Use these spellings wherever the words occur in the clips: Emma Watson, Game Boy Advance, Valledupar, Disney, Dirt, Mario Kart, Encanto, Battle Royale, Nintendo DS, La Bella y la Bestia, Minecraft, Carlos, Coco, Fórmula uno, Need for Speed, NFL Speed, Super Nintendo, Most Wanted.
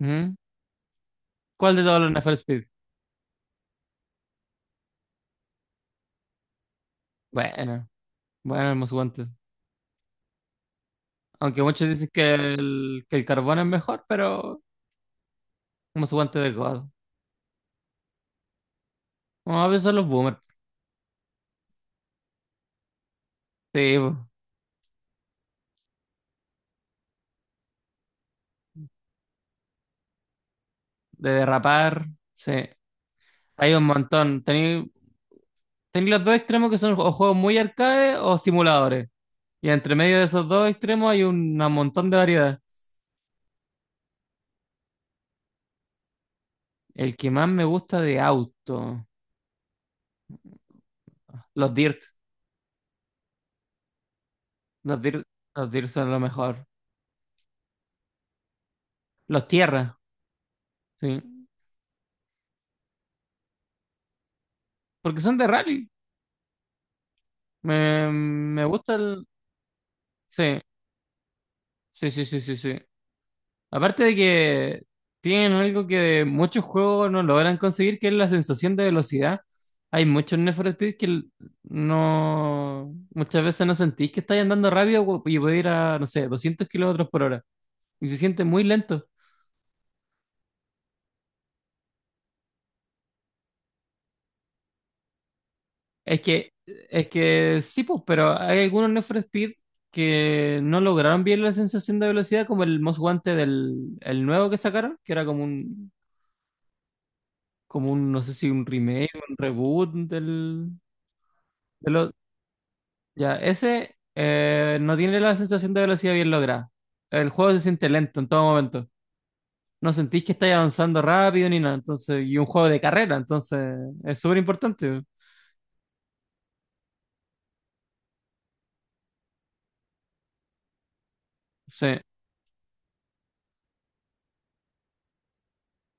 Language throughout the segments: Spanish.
Ujú. ¿Cuál de todos los NFL Speed? Bueno, bueno, el Most Wanted. Aunque muchos dicen que que el carbón es mejor, pero Most Wanted de God. Vamos a ver, son los boomers. Sí, po. De derrapar. Sí, hay un montón. Tenéis los dos extremos que son o juegos muy arcade o simuladores. Y entre medio de esos dos extremos hay un montón de variedad. El que más me gusta de auto, los dirt. Los dirt, los dirt son lo mejor. Los tierra, sí. Porque son de rally. Me gusta el. Sí, sí, sí, sí, sí, sí. Aparte de que tienen algo que muchos juegos no logran conseguir, que es la sensación de velocidad. Hay muchos Need for Speed no, muchas veces no sentís que estáis andando rápido y podéis ir a, no sé, 200 kilómetros por hora. Y se siente muy lento. Es que sí, pues, pero hay algunos Need for Speed que no lograron bien la sensación de velocidad, como el Most Wanted del el nuevo que sacaron, que era como un, no sé si un remake, un reboot de lo- ya, ese no tiene la sensación de velocidad bien lograda. El juego se siente lento en todo momento. No sentís que estáis avanzando rápido ni nada, entonces, y un juego de carrera, entonces es súper importante. Sí.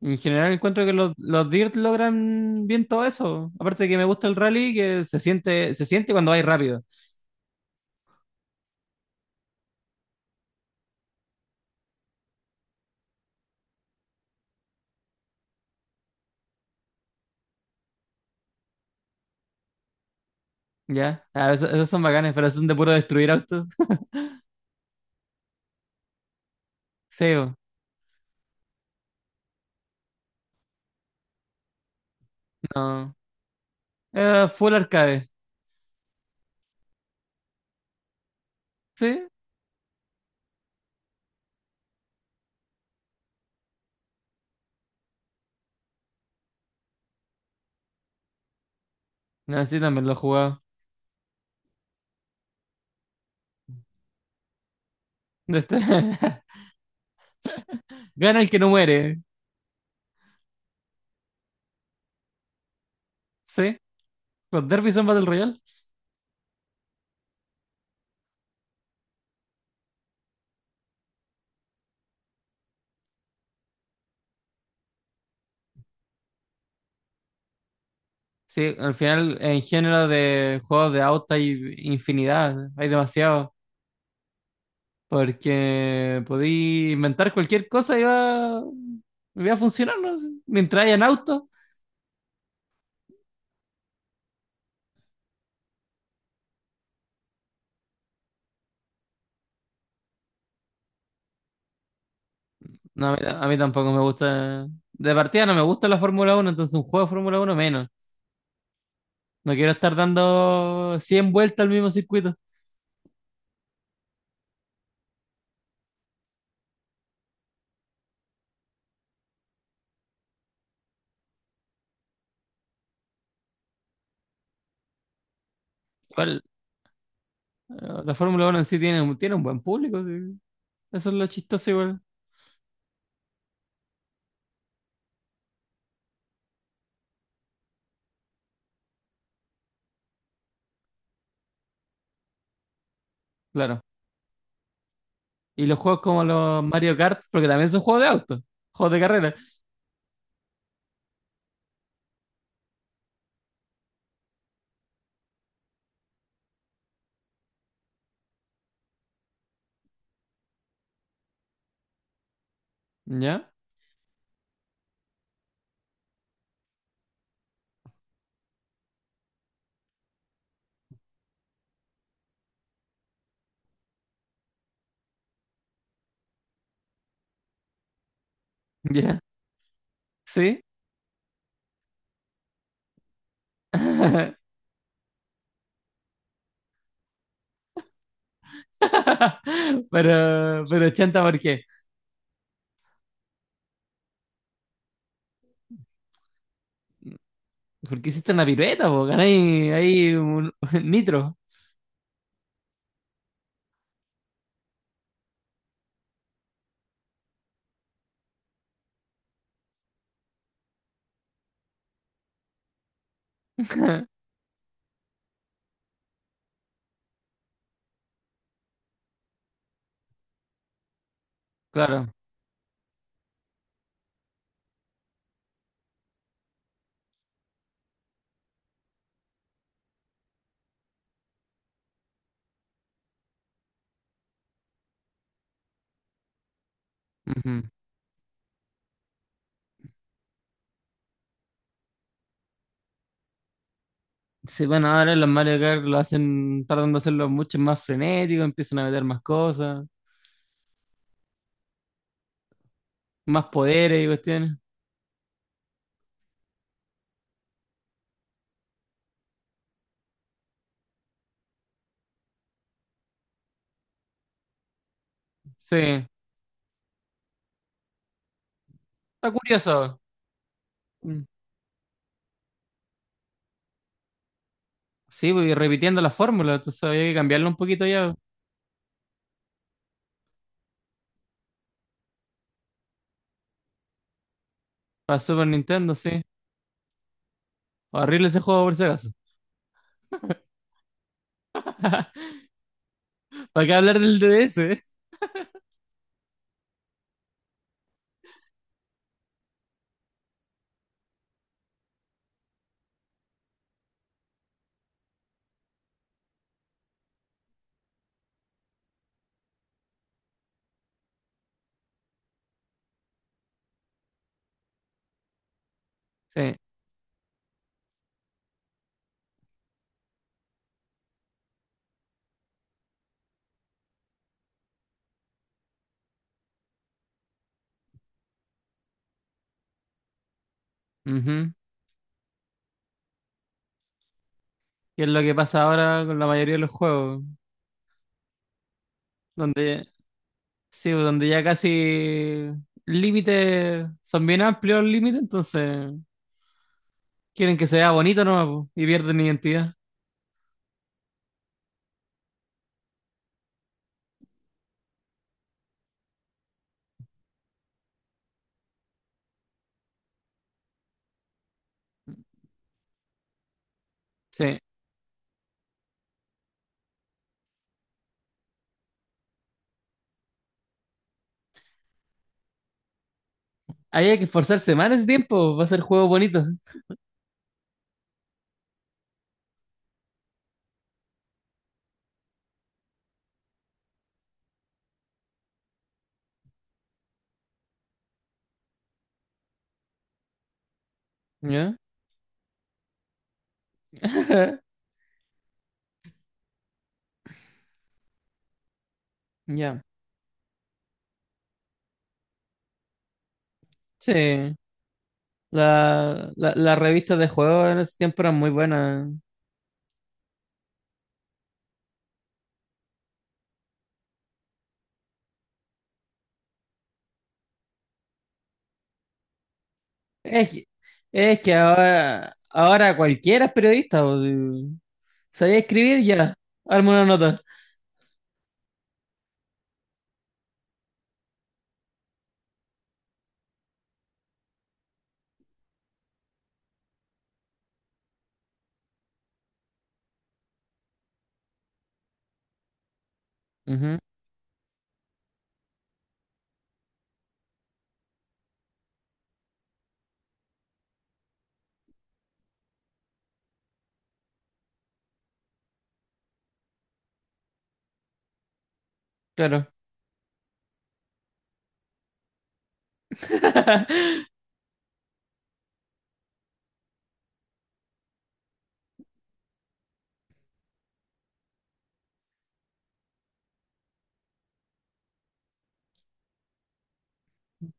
En general encuentro que los Dirt logran bien todo eso. Aparte de que me gusta el rally, que se siente cuando vais rápido. Ya, ah, esos son bacanes, pero son de puro destruir autos. Sí, bo. No. Full arcade. Sí, no, sí, también lo he jugado. Este- Gana el que no muere. Sí, los derbys son Battle Royale. Sí, al final en género de juegos de auto hay infinidad, hay demasiado. Porque podí inventar cualquier cosa y y va a funcionar, ¿no? Mientras hayan autos. No, a mí tampoco me gusta. De partida no me gusta la Fórmula uno, entonces un juego de Fórmula uno menos. No quiero estar dando 100 vueltas al mismo circuito. Igual, eh, la Fórmula uno en sí tiene un buen público, sí. Eso es lo chistoso igual. Claro. Y los juegos como los Mario Kart, porque también son juegos de auto, juegos de carrera. ¿Ya? ¿Ya? ¿Sí? Pero chanta, ¿por qué? Porque hiciste una pirueta, porque hay, ahí un nitro. Claro. Ujú. Sí, bueno, ahora los Mario Kart lo hacen, tratando de hacerlo mucho más frenético, empiezan a meter más cosas, más poderes y cuestiones. Sí, está curioso. Mm. Sí, voy repitiendo la fórmula, entonces había que cambiarlo un poquito ya. Para Super Nintendo, sí. Horrible ese juego por si acaso. ¿Para qué hablar del DS? Sí. Ujú. Y es lo que pasa ahora con la mayoría de los juegos. Donde, sí, donde ya casi límites son bien amplios los límites, entonces quieren que se vea bonito nomás po, y pierden identidad. Sí. Ahí hay que esforzarse más en ese tiempo para hacer juegos bonitos. ¿Ya? Ya. Sí. Las revistas de juegos en ese tiempo eran muy buenas. Es que, es que ahora, ahora cualquiera es periodista. O si sabía escribir ya. Arma una nota. Ujú, claro.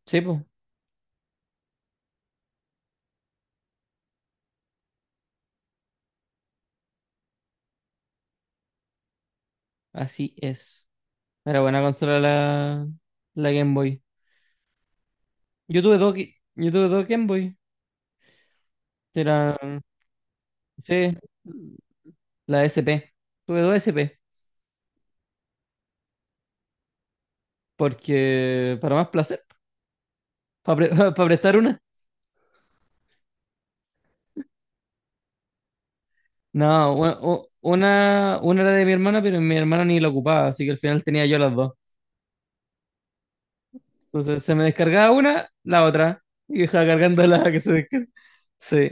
Sí, pues, así es. Era buena consola la, la Game Boy. Yo tuve dos, yo tuve dos Game Boy. Era, sí, la SP. Tuve dos SP. Porque, para más placer, para, prestar una. No, una era de mi hermana, pero mi hermana ni la ocupaba, así que al final tenía yo las dos. Entonces se me descargaba una, la otra, y dejaba cargando la que se descarga. Sí,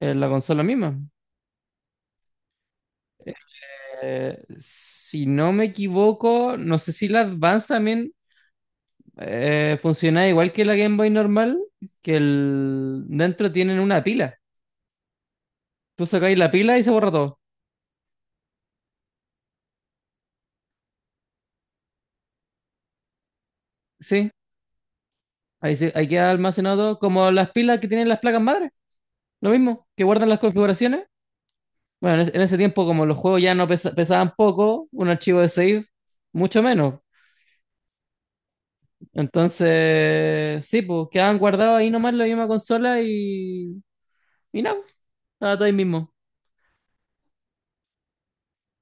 en la consola misma. Si no me equivoco, no sé si la Advance también funciona igual que la Game Boy normal, que el dentro tienen una pila. Tú sacáis la pila y se borra todo. Sí, ahí queda almacenado todo, como las pilas que tienen las placas madre. Lo mismo, que guardan las configuraciones. Bueno, en ese tiempo, como los juegos ya no pesaban poco, un archivo de save, mucho menos. Entonces, sí, pues quedaban guardados ahí nomás la misma consola y nada, pues, estaba todo ahí mismo.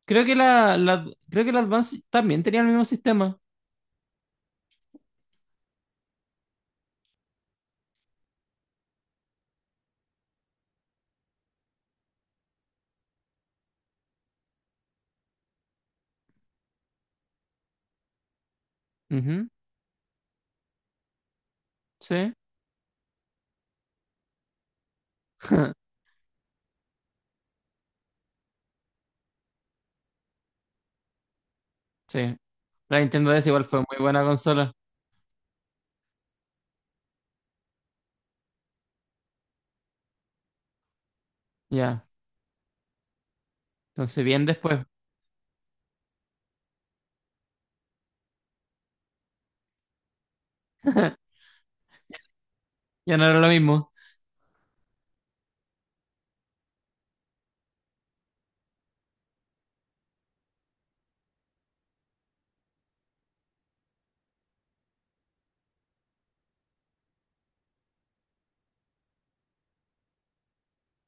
Creo que creo que la Advance también tenía el mismo sistema. Ujú, sí, sí. La Nintendo DS igual fue muy buena consola. Ya, entonces bien después. Ya no era lo mismo.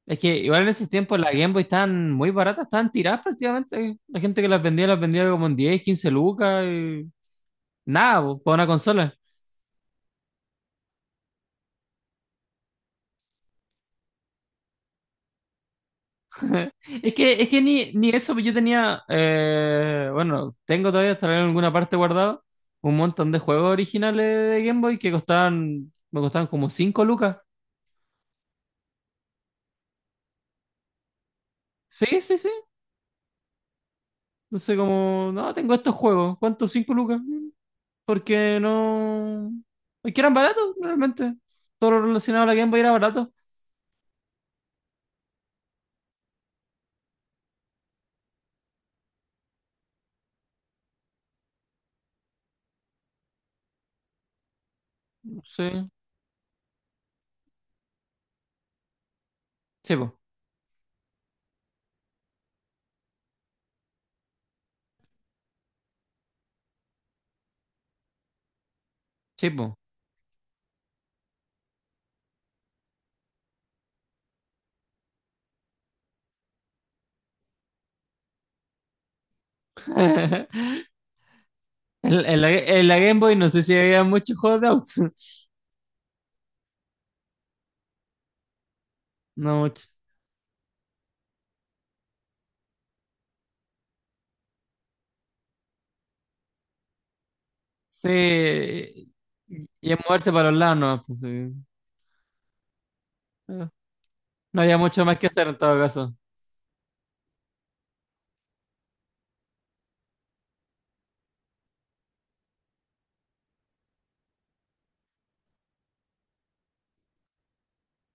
Es que igual en esos tiempos las Game Boy estaban muy baratas, estaban tiradas prácticamente. La gente que las vendía como en 10, 15 lucas y nada, pues, para una consola. Es que ni eso, pues yo tenía, bueno, tengo todavía, estará en alguna parte guardado, un montón de juegos originales de Game Boy que costaban, me costaban como 5 lucas. Sí, sí, sí. Entonces como, no, tengo estos juegos, ¿cuántos? 5 lucas. Mm, porque no. Es que eran baratos, realmente. Todo lo relacionado a la Game Boy era barato. Sí, sí, po, sí, po. En la Game Boy no sé si había muchos juegos de autos. No mucho. Sí, y es moverse para los lados, no, pues, sí. No había mucho más que hacer en todo caso.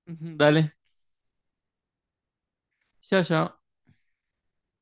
Ujú, dale, chao, chao.